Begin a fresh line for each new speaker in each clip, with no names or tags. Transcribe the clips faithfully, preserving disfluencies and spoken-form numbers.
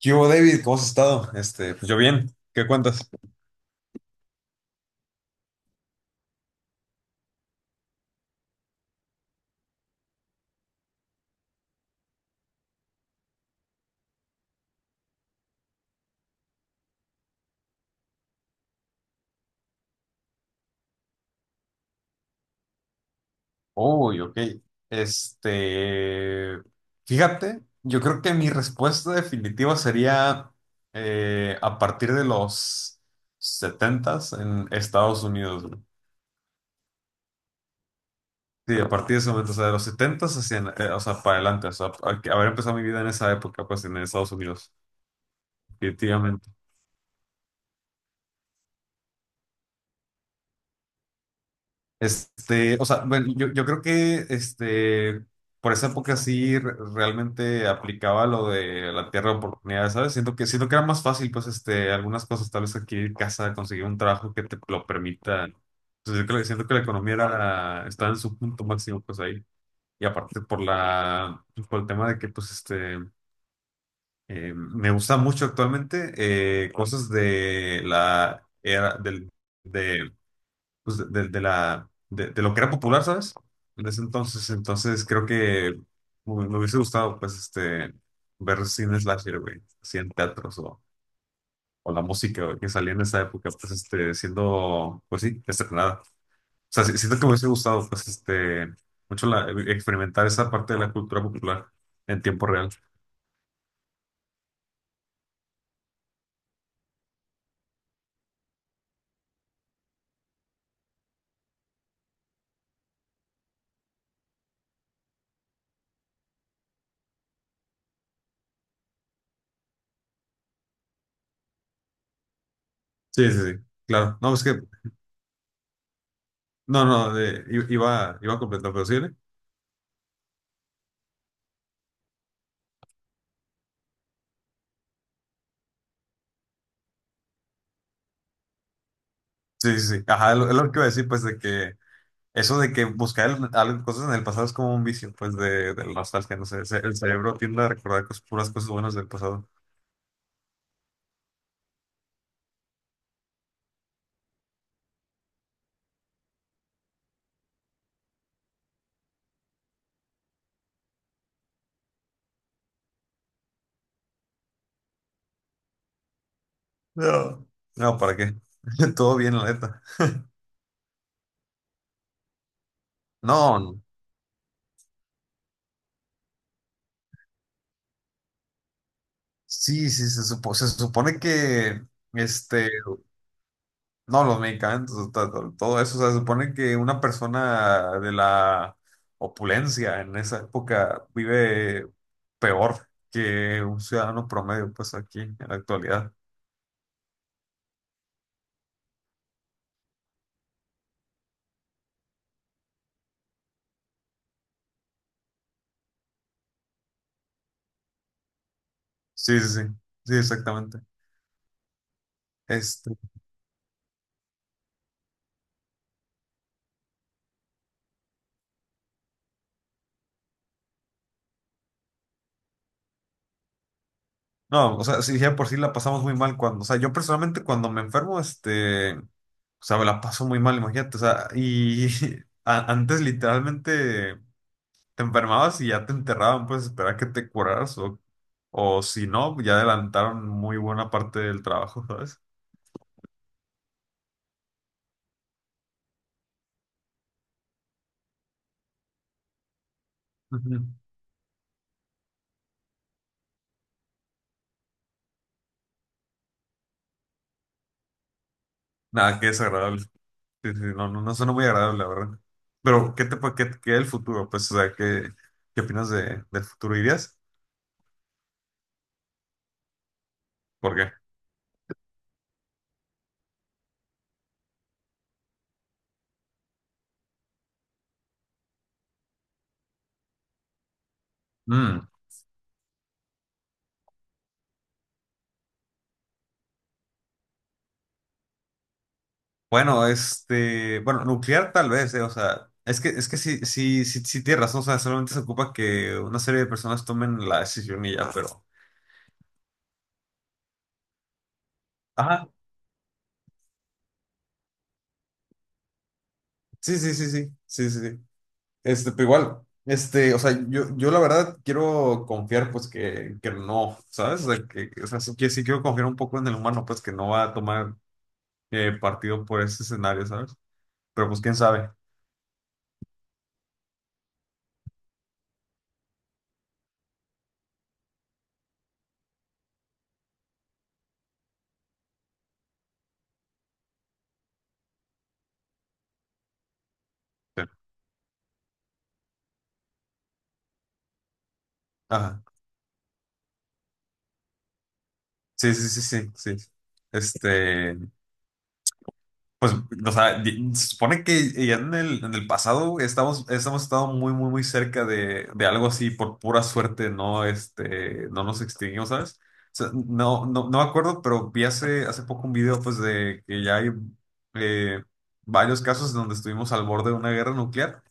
¿Qué hubo, David? ¿Cómo has estado? Este, pues yo bien. ¿Qué cuentas? Uy, ok. Este, Fíjate, yo creo que mi respuesta definitiva sería eh, a partir de los setentas en Estados Unidos, güey. Sí, a partir de ese momento, o sea, de los setentas hacia, eh, o sea, para adelante, o sea, a- haber empezado mi vida en esa época, pues en Estados Unidos, definitivamente. Este, o sea, bueno, yo, yo creo que este, por esa época sí re- realmente aplicaba lo de la tierra de oportunidades, ¿sabes? Siento que, siento que era más fácil, pues, este, algunas cosas, tal vez adquirir casa, conseguir un trabajo que te lo permita. Entonces, yo creo, siento que la economía era, estaba en su punto máximo, pues, ahí. Y aparte por la, por el tema de que, pues, este, eh, me gusta mucho actualmente eh, cosas de la era del, pues, de, de- de la, de, de lo que era popular, ¿sabes? En ese entonces, entonces creo que me, me hubiese gustado, pues, este, ver cine slasher, güey, así en teatros o, o la música güey, que salía en esa época, pues, este, siendo, pues sí, estrenada. O sea, sí- siento que me hubiese gustado, pues, este, mucho la, experimentar esa parte de la cultura popular en tiempo real. Sí, sí, sí, claro. No, es que, no, no, de- i- iba, iba a completar, pero sí, ¿eh? Sí, sí, sí. Ajá, es lo es lo que iba a decir, pues, de que eso de que buscar el- algo- cosas en el pasado es como un vicio, pues, de, de la nostalgia, no sé. se- El cerebro tiende a recordar cosas- puras cosas buenas del pasado. No. No, ¿para qué? Todo bien, la neta. No, sí, sí, se, supo- se supone que, este, no, los medicamentos, to- to- todo, eso, o sea, se supone que una persona de la opulencia en esa época vive peor que un ciudadano promedio, pues, aquí, en la actualidad. Sí, sí, sí, sí, exactamente. Este, No, o sea, sí, ya por sí la pasamos muy mal cuando, o sea, yo personalmente cuando me enfermo, este, o sea, me la paso muy mal, imagínate, o sea, y a- antes literalmente te enfermabas y ya te enterraban, pues esperar que te curaras o, o si no, ya adelantaron muy buena parte del trabajo, ¿sabes? Ujú. Nada, qué desagradable. Sí, sí, no, no, no suena muy agradable, la verdad. Pero, ¿qué te pa- qué, qué el futuro? Pues, o sea, ¿qué, qué opinas de, del futuro? ¿Irías? ¿Por qué? Bueno, este, bueno, nuclear tal vez, eh, o sea, es que, es que sí, sí, sí, sí tienes razón, o sea, solamente se ocupa que una serie de personas tomen la decisión y ya, pero. Ajá, sí, sí, sí, sí, sí, sí, sí. Este, pero igual, este, o sea, yo, yo la verdad quiero confiar, pues, que, que no, ¿sabes? O sea, que, o sea, sí, que sí quiero confiar un poco en el humano, pues, que no va a tomar eh, partido por ese escenario, ¿sabes? Pero pues, quién sabe. Sí. Ajá, sí, sí, sí, sí, sí. Este. Pues, o sea, y- se supone que ya en el, en el pasado estamos, estamos estado muy, muy, muy cerca de, de algo así, por pura suerte, no, este, no nos extinguimos, ¿sabes? O sea, no, no, no me acuerdo, pero vi hace, hace poco un video, pues, de que ya hay eh, varios casos donde estuvimos al borde de una guerra nuclear,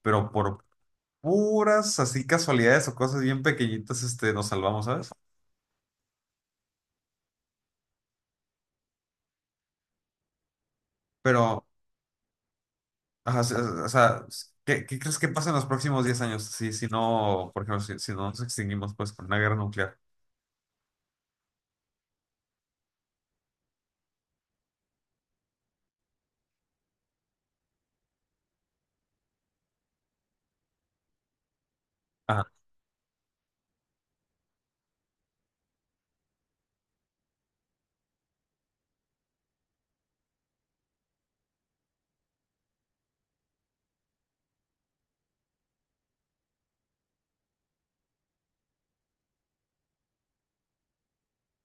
pero por puras así casualidades o cosas bien pequeñitas, este, nos salvamos, ¿sabes? Pero. Ajá, o sea, o sea, ¿qué, qué crees que pasa en los próximos diez años? Si, si no, por ejemplo, si, si no nos extinguimos pues con una guerra nuclear. Ajá,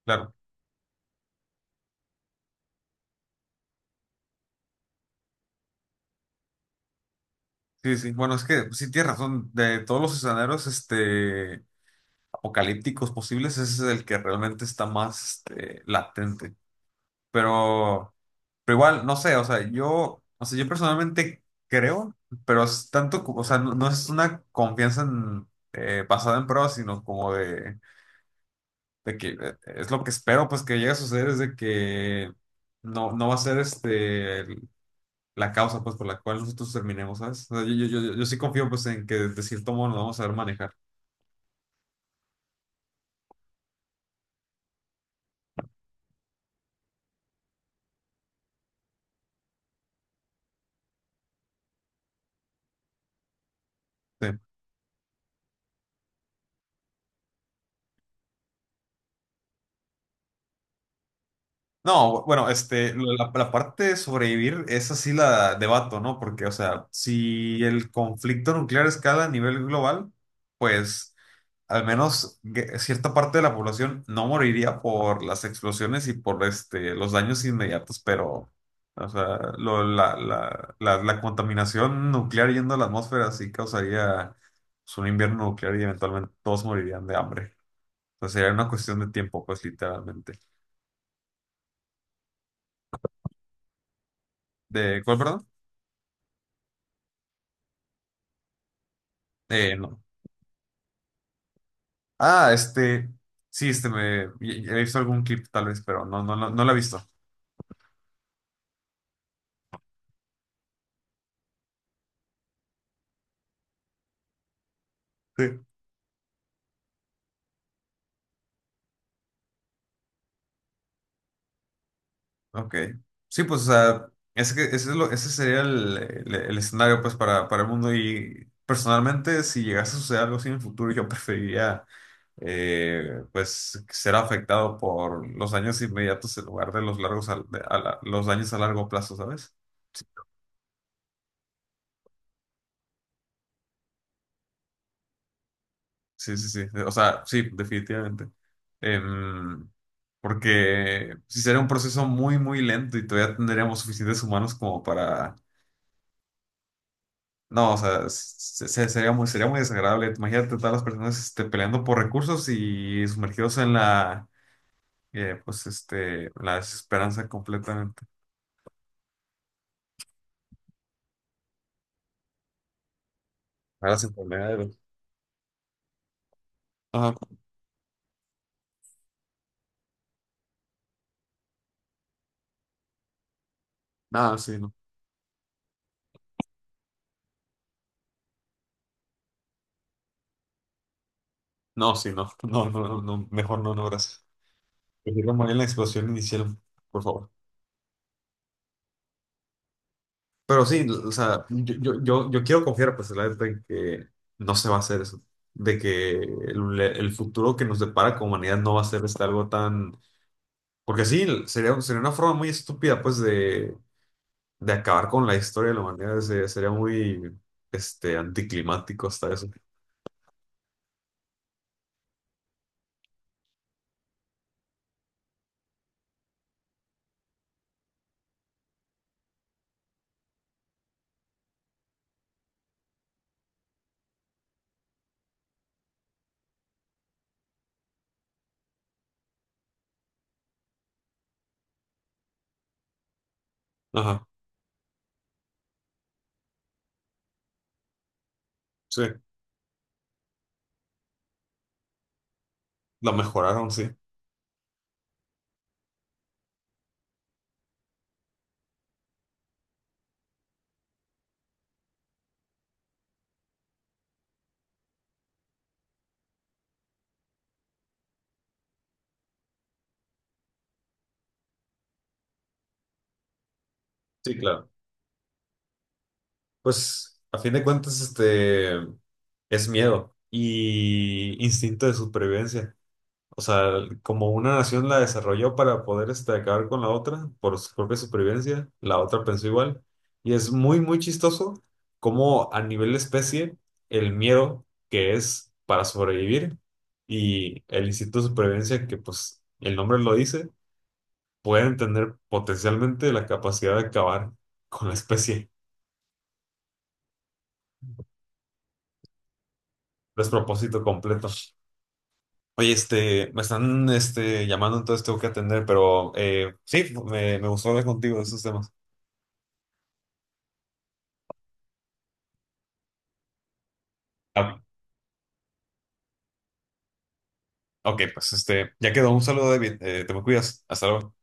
claro. Sí, sí. Bueno, es que sí tienes razón. De todos los escenarios este, apocalípticos posibles, ese es el que realmente está más este, latente. Pero, pero igual, no sé, o sea, yo, o sea, yo personalmente creo, pero es tanto, como- o sea, no, no es una confianza en, eh, basada en pruebas, sino como de de que eh, es lo que espero pues que llegue a suceder es de que no, no va a ser este el- la causa pues por la cual nosotros terminemos, ¿sabes? O sea, yo, yo, yo, yo sí confío pues en que de cierto modo nos vamos a saber manejar. Sí. No, bueno, este, la, la parte de sobrevivir es así la debato, ¿no? Porque, o sea, si el conflicto nuclear escala a nivel global, pues al menos gue- cierta parte de la población no moriría por las explosiones y por este, los daños inmediatos, pero, o sea, lo- la, la, la, la contaminación nuclear yendo a la atmósfera sí causaría pues, un invierno nuclear y eventualmente todos morirían de hambre. Entonces sería una cuestión de tiempo, pues literalmente. ¿De cuál, perdón? Eh, no. Ah, este, sí, este, me, he visto algún clip tal vez, pero no, no, no, no lo he visto. Sí. Ok. Sí, pues, o sea, es que ese, es lo, ese sería el, el- el escenario, pues, para, para el mundo. Y personalmente, si llegase a suceder algo así en el futuro, yo preferiría, eh, pues, ser afectado por los daños inmediatos en lugar de los largos, al- de- a la- los daños a largo plazo, ¿sabes? Sí, sí, sí. O sea, sí, definitivamente. Em, Porque si sería un proceso muy, muy lento y todavía tendríamos suficientes humanos como para... No, o sea, se- se- sería muy, sería muy desagradable. Imagínate todas las personas este, peleando por recursos y sumergidos en la, eh, pues, este, la desesperanza completamente. A las enfermedades. Ajá. Nada, sí, no. No, sí, no. No, no, no, no. Mejor no, no, gracias. Prefiero morir en la explosión inicial, por favor. Pero sí, o sea, yo, yo, yo, yo quiero confiar, pues, la verdad, en que no se va a hacer eso. De que el, el futuro que nos depara como humanidad no va a ser este algo tan... Porque sí, sería, sería una forma muy estúpida, pues, de, de acabar con la historia de la humanidad. Se- Sería muy, este, anticlimático hasta eso. Ajá, sí. La mejoraron, sí. Sí, claro. Pues, a fin de cuentas, este, es miedo y instinto de supervivencia. O sea, como una nación la desarrolló para poder este, acabar con la otra por su propia supervivencia, la otra pensó igual. Y es muy, muy chistoso cómo a nivel de especie el miedo que es para sobrevivir y el instinto de supervivencia que pues el nombre lo dice, pueden tener potencialmente la capacidad de acabar con la especie. Despropósito completo. Oye, este, me están este, llamando, entonces tengo que atender, pero eh, sí, me, me gustó hablar contigo de esos temas. Ah, ok, pues este, ya quedó. Un saludo, David. Eh, te me cuidas. Hasta luego.